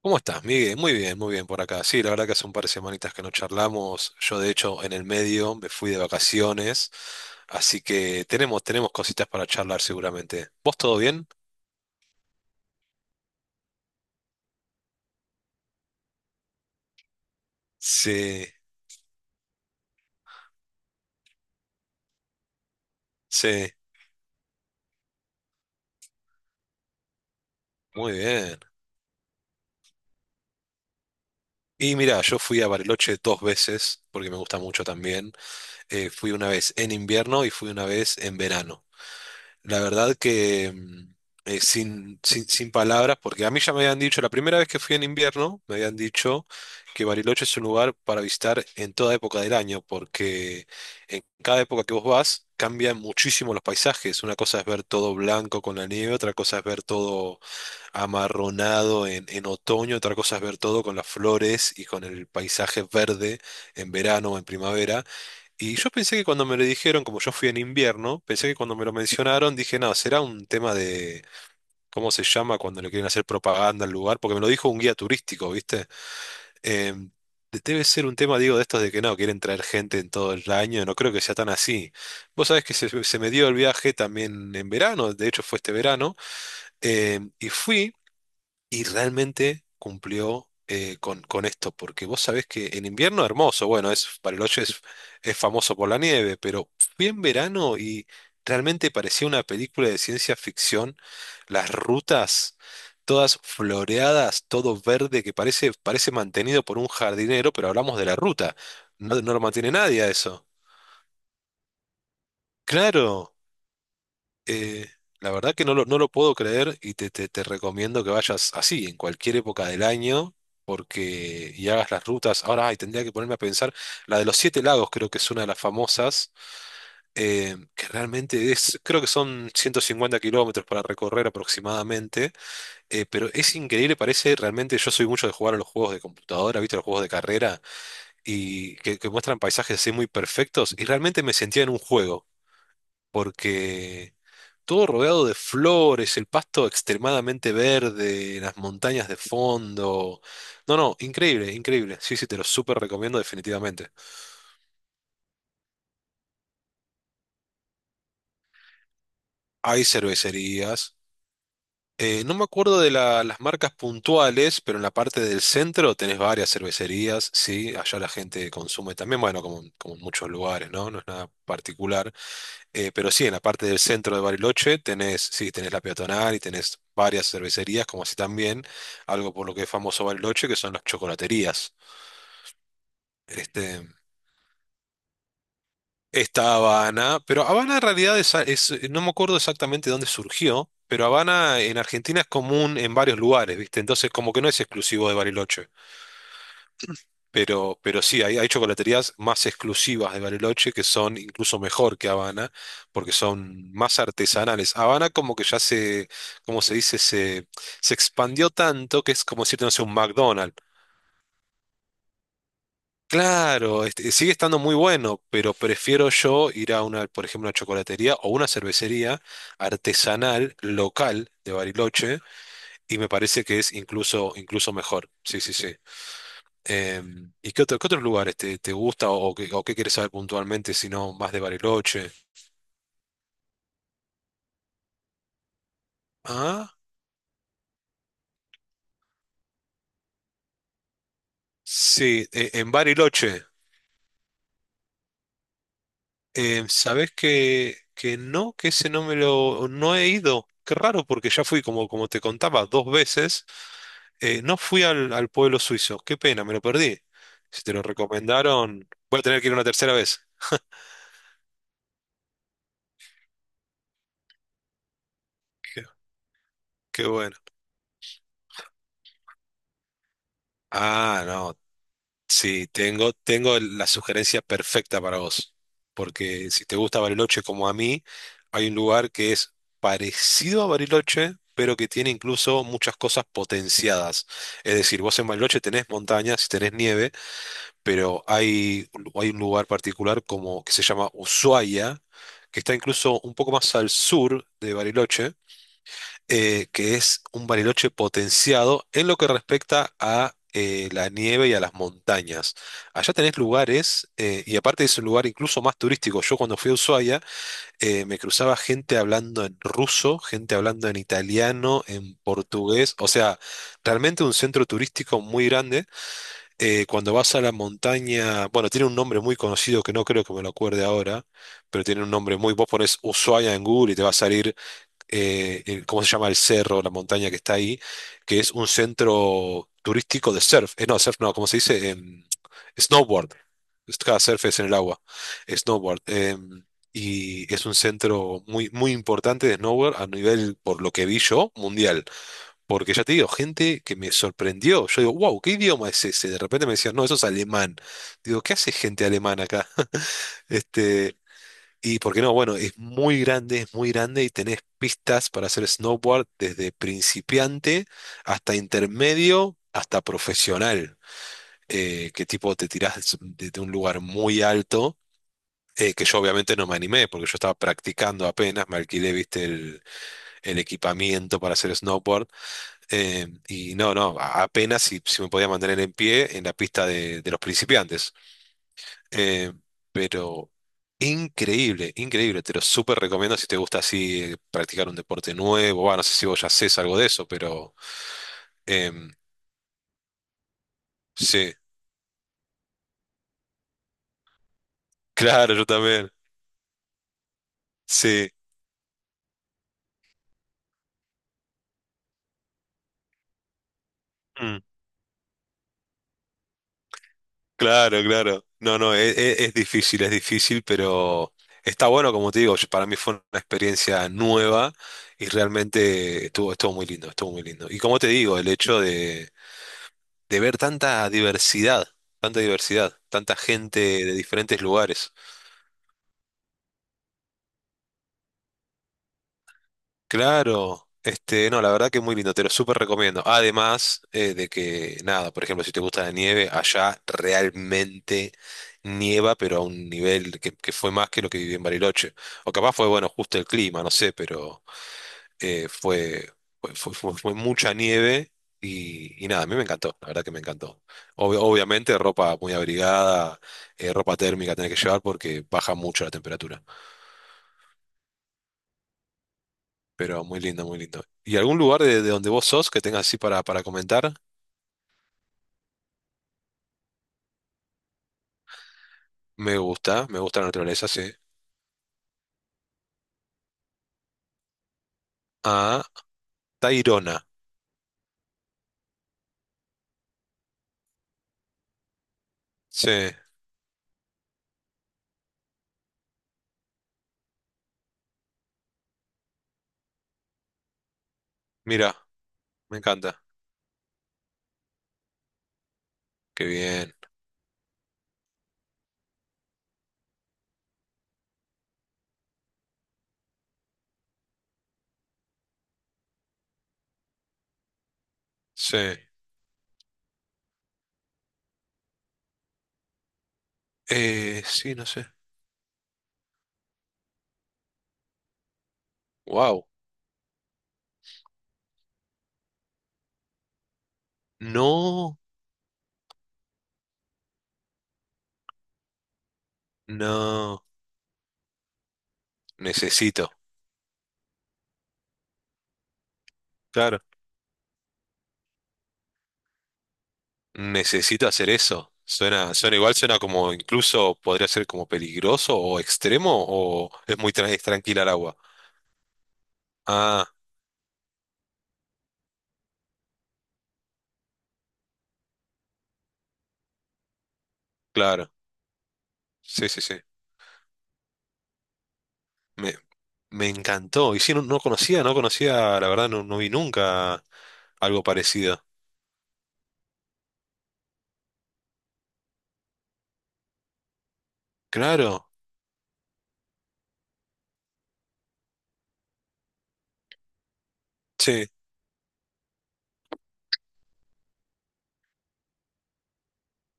¿Cómo estás, Miguel? Muy bien por acá. Sí, la verdad que hace un par de semanitas que no charlamos. Yo, de hecho, en el medio me fui de vacaciones, así que tenemos, tenemos cositas para charlar seguramente. ¿Vos todo bien? Sí, sí, muy bien. Y mira, yo fui a Bariloche dos veces, porque me gusta mucho también. Fui una vez en invierno y fui una vez en verano. La verdad que mm, sin palabras, porque a mí ya me habían dicho, la primera vez que fui en invierno, me habían dicho que Bariloche es un lugar para visitar en toda época del año, porque en cada época que vos vas cambian muchísimo los paisajes. Una cosa es ver todo blanco con la nieve, otra cosa es ver todo amarronado en otoño, otra cosa es ver todo con las flores y con el paisaje verde en verano o en primavera. Y yo pensé que cuando me lo dijeron, como yo fui en invierno, pensé que cuando me lo mencionaron, dije, no, será un tema de cómo se llama cuando le quieren hacer propaganda al lugar, porque me lo dijo un guía turístico, ¿viste? Debe ser un tema, digo, de estos de que no, quieren traer gente en todo el año, no creo que sea tan así. Vos sabés que se me dio el viaje también en verano, de hecho fue este verano, y fui. Y realmente cumplió con esto, porque vos sabés que en invierno hermoso, bueno, es, Bariloche es famoso por la nieve, pero fui en verano y realmente parecía una película de ciencia ficción, las rutas todas floreadas, todo verde, que parece, parece mantenido por un jardinero, pero hablamos de la ruta, no, no lo mantiene nadie a eso. Claro. Eh, la verdad que no no lo puedo creer y te, te recomiendo que vayas así, en cualquier época del año, porque y hagas las rutas. Ahora, ay, tendría que ponerme a pensar, la de los Siete Lagos creo que es una de las famosas, que realmente es, creo que son 150 km para recorrer aproximadamente, pero es increíble, parece realmente, yo soy mucho de jugar a los juegos de computadora, ¿viste? Los juegos de carrera, y que muestran paisajes así muy perfectos, y realmente me sentía en un juego. Porque todo rodeado de flores, el pasto extremadamente verde, las montañas de fondo. No, no, increíble, increíble. Sí, sí, te lo súper recomiendo definitivamente. Hay cervecerías. No me acuerdo de las marcas puntuales, pero en la parte del centro tenés varias cervecerías, sí, allá la gente consume también, bueno, como, como en muchos lugares, ¿no? No es nada particular. Pero sí, en la parte del centro de Bariloche tenés, sí, tenés la peatonal y tenés varias cervecerías, como así también algo por lo que es famoso Bariloche, que son las chocolaterías. Este, está Habana, pero Habana en realidad es, no me acuerdo exactamente dónde surgió, pero Habana en Argentina es común en varios lugares, ¿viste? Entonces como que no es exclusivo de Bariloche. Pero sí, hay chocolaterías más exclusivas de Bariloche que son incluso mejor que Habana, porque son más artesanales. Habana como que ya se, como se dice, se expandió tanto que es como decirte, no sé, un McDonald's. Claro, este, sigue estando muy bueno, pero prefiero yo ir a una, por ejemplo, una chocolatería o una cervecería artesanal local de Bariloche y me parece que es incluso, incluso mejor. Sí, sí, sí. ¿Y qué qué otros lugares te, te gusta o qué quieres saber puntualmente si no más de Bariloche? Ah, sí, en Bariloche. ¿Sabés que no? Que ese no me lo... no he ido. Qué raro porque ya fui, como, como te contaba, dos veces. No fui al pueblo suizo. Qué pena, me lo perdí. Si te lo recomendaron, voy a tener que ir una tercera vez. Qué, qué bueno. Ah, no. Sí, tengo, tengo la sugerencia perfecta para vos. Porque si te gusta Bariloche como a mí, hay un lugar que es parecido a Bariloche, pero que tiene incluso muchas cosas potenciadas. Es decir, vos en Bariloche tenés montañas y tenés nieve, pero hay un lugar particular como que se llama Ushuaia, que está incluso un poco más al sur de Bariloche que es un Bariloche potenciado en lo que respecta a la nieve y a las montañas. Allá tenés lugares, y aparte es un lugar incluso más turístico. Yo cuando fui a Ushuaia me cruzaba gente hablando en ruso, gente hablando en italiano, en portugués, o sea, realmente un centro turístico muy grande. Cuando vas a la montaña, bueno, tiene un nombre muy conocido que no creo que me lo acuerde ahora, pero tiene un nombre muy, vos pones Ushuaia en Google y te va a salir ¿cómo se llama el cerro, la montaña que está ahí? Que es un centro turístico de surf. No, surf no, ¿cómo se dice? Snowboard. Cada surf es en el agua. Snowboard. Y es un centro muy, muy importante de snowboard a nivel, por lo que vi yo, mundial. Porque ya te digo, gente que me sorprendió. Yo digo, wow, ¿qué idioma es ese? De repente me decían, no, eso es alemán. Digo, ¿qué hace gente alemana acá? Este, y por qué no, bueno, es muy grande y tenés pistas para hacer snowboard desde principiante hasta intermedio, hasta profesional, que tipo te tirás desde un lugar muy alto, que yo obviamente no me animé porque yo estaba practicando apenas, me alquilé, viste, el equipamiento para hacer snowboard, apenas si, si me podía mantener en pie en la pista de los principiantes. Eh, pero increíble, increíble. Te lo súper recomiendo si te gusta así practicar un deporte nuevo. Bueno, no sé si vos ya haces algo de eso, pero em, sí, claro, yo también. Sí, mm, claro, claro. No, no, es difícil, pero está bueno, como te digo, para mí fue una experiencia nueva y realmente estuvo, estuvo muy lindo, estuvo muy lindo. Y como te digo, el hecho de ver tanta diversidad, tanta diversidad, tanta gente de diferentes lugares. Claro, este, no, la verdad que muy lindo, te lo súper recomiendo. Además de que, nada, por ejemplo, si te gusta la nieve, allá realmente nieva, pero a un nivel que fue más que lo que viví en Bariloche. O capaz fue, bueno, justo el clima, no sé, pero eh, fue, fue mucha nieve y nada, a mí me encantó, la verdad que me encantó. Obviamente ropa muy abrigada, ropa térmica tenés que llevar porque baja mucho la temperatura. Pero muy lindo, muy lindo. ¿Y algún lugar de donde vos sos que tengas así para comentar? Me gusta la naturaleza, sí. Ah, Tayrona. Sí, mira, me encanta. Qué bien. Sí. Sí, no sé. Wow. No, no. Necesito. Claro. Necesito hacer eso. Suena, suena igual, suena como incluso podría ser como peligroso o extremo o es muy es tranquila el agua. Ah, claro. Sí, sí, sí. Me, me encantó. Y sí, no, no conocía, no conocía, la verdad, no, no vi nunca algo parecido. Claro, sí,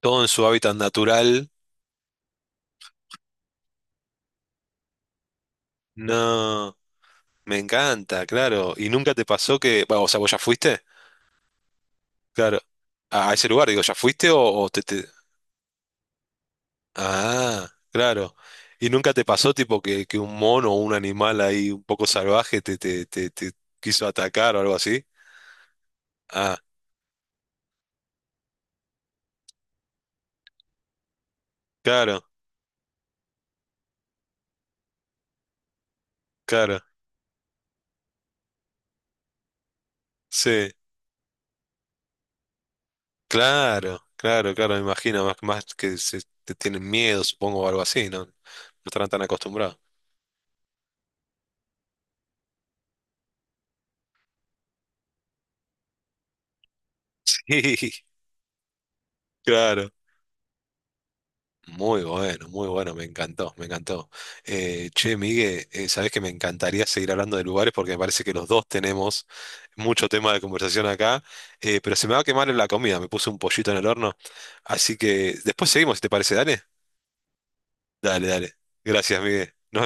todo en su hábitat natural. No, me encanta, claro. ¿Y nunca te pasó que, bueno, o sea, vos ya fuiste? Claro. A ese lugar, digo, ¿ya fuiste o te, Ah, claro. ¿Y nunca te pasó tipo que un mono o un animal ahí un poco salvaje te, te, te, te quiso atacar o algo así? Ah, claro, claro, sí. Claro, claro, claro, me imagino, más, más que se, te tienen miedo, supongo, o algo así, ¿no? No estarán tan acostumbrados. Sí, claro. Muy bueno, muy bueno, me encantó, me encantó. Che, Miguel, sabés que me encantaría seguir hablando de lugares porque me parece que los dos tenemos mucho tema de conversación acá, pero se me va a quemar la comida, me puse un pollito en el horno, así que después seguimos, si te parece, dale. Dale, dale. Gracias, Miguel. Nos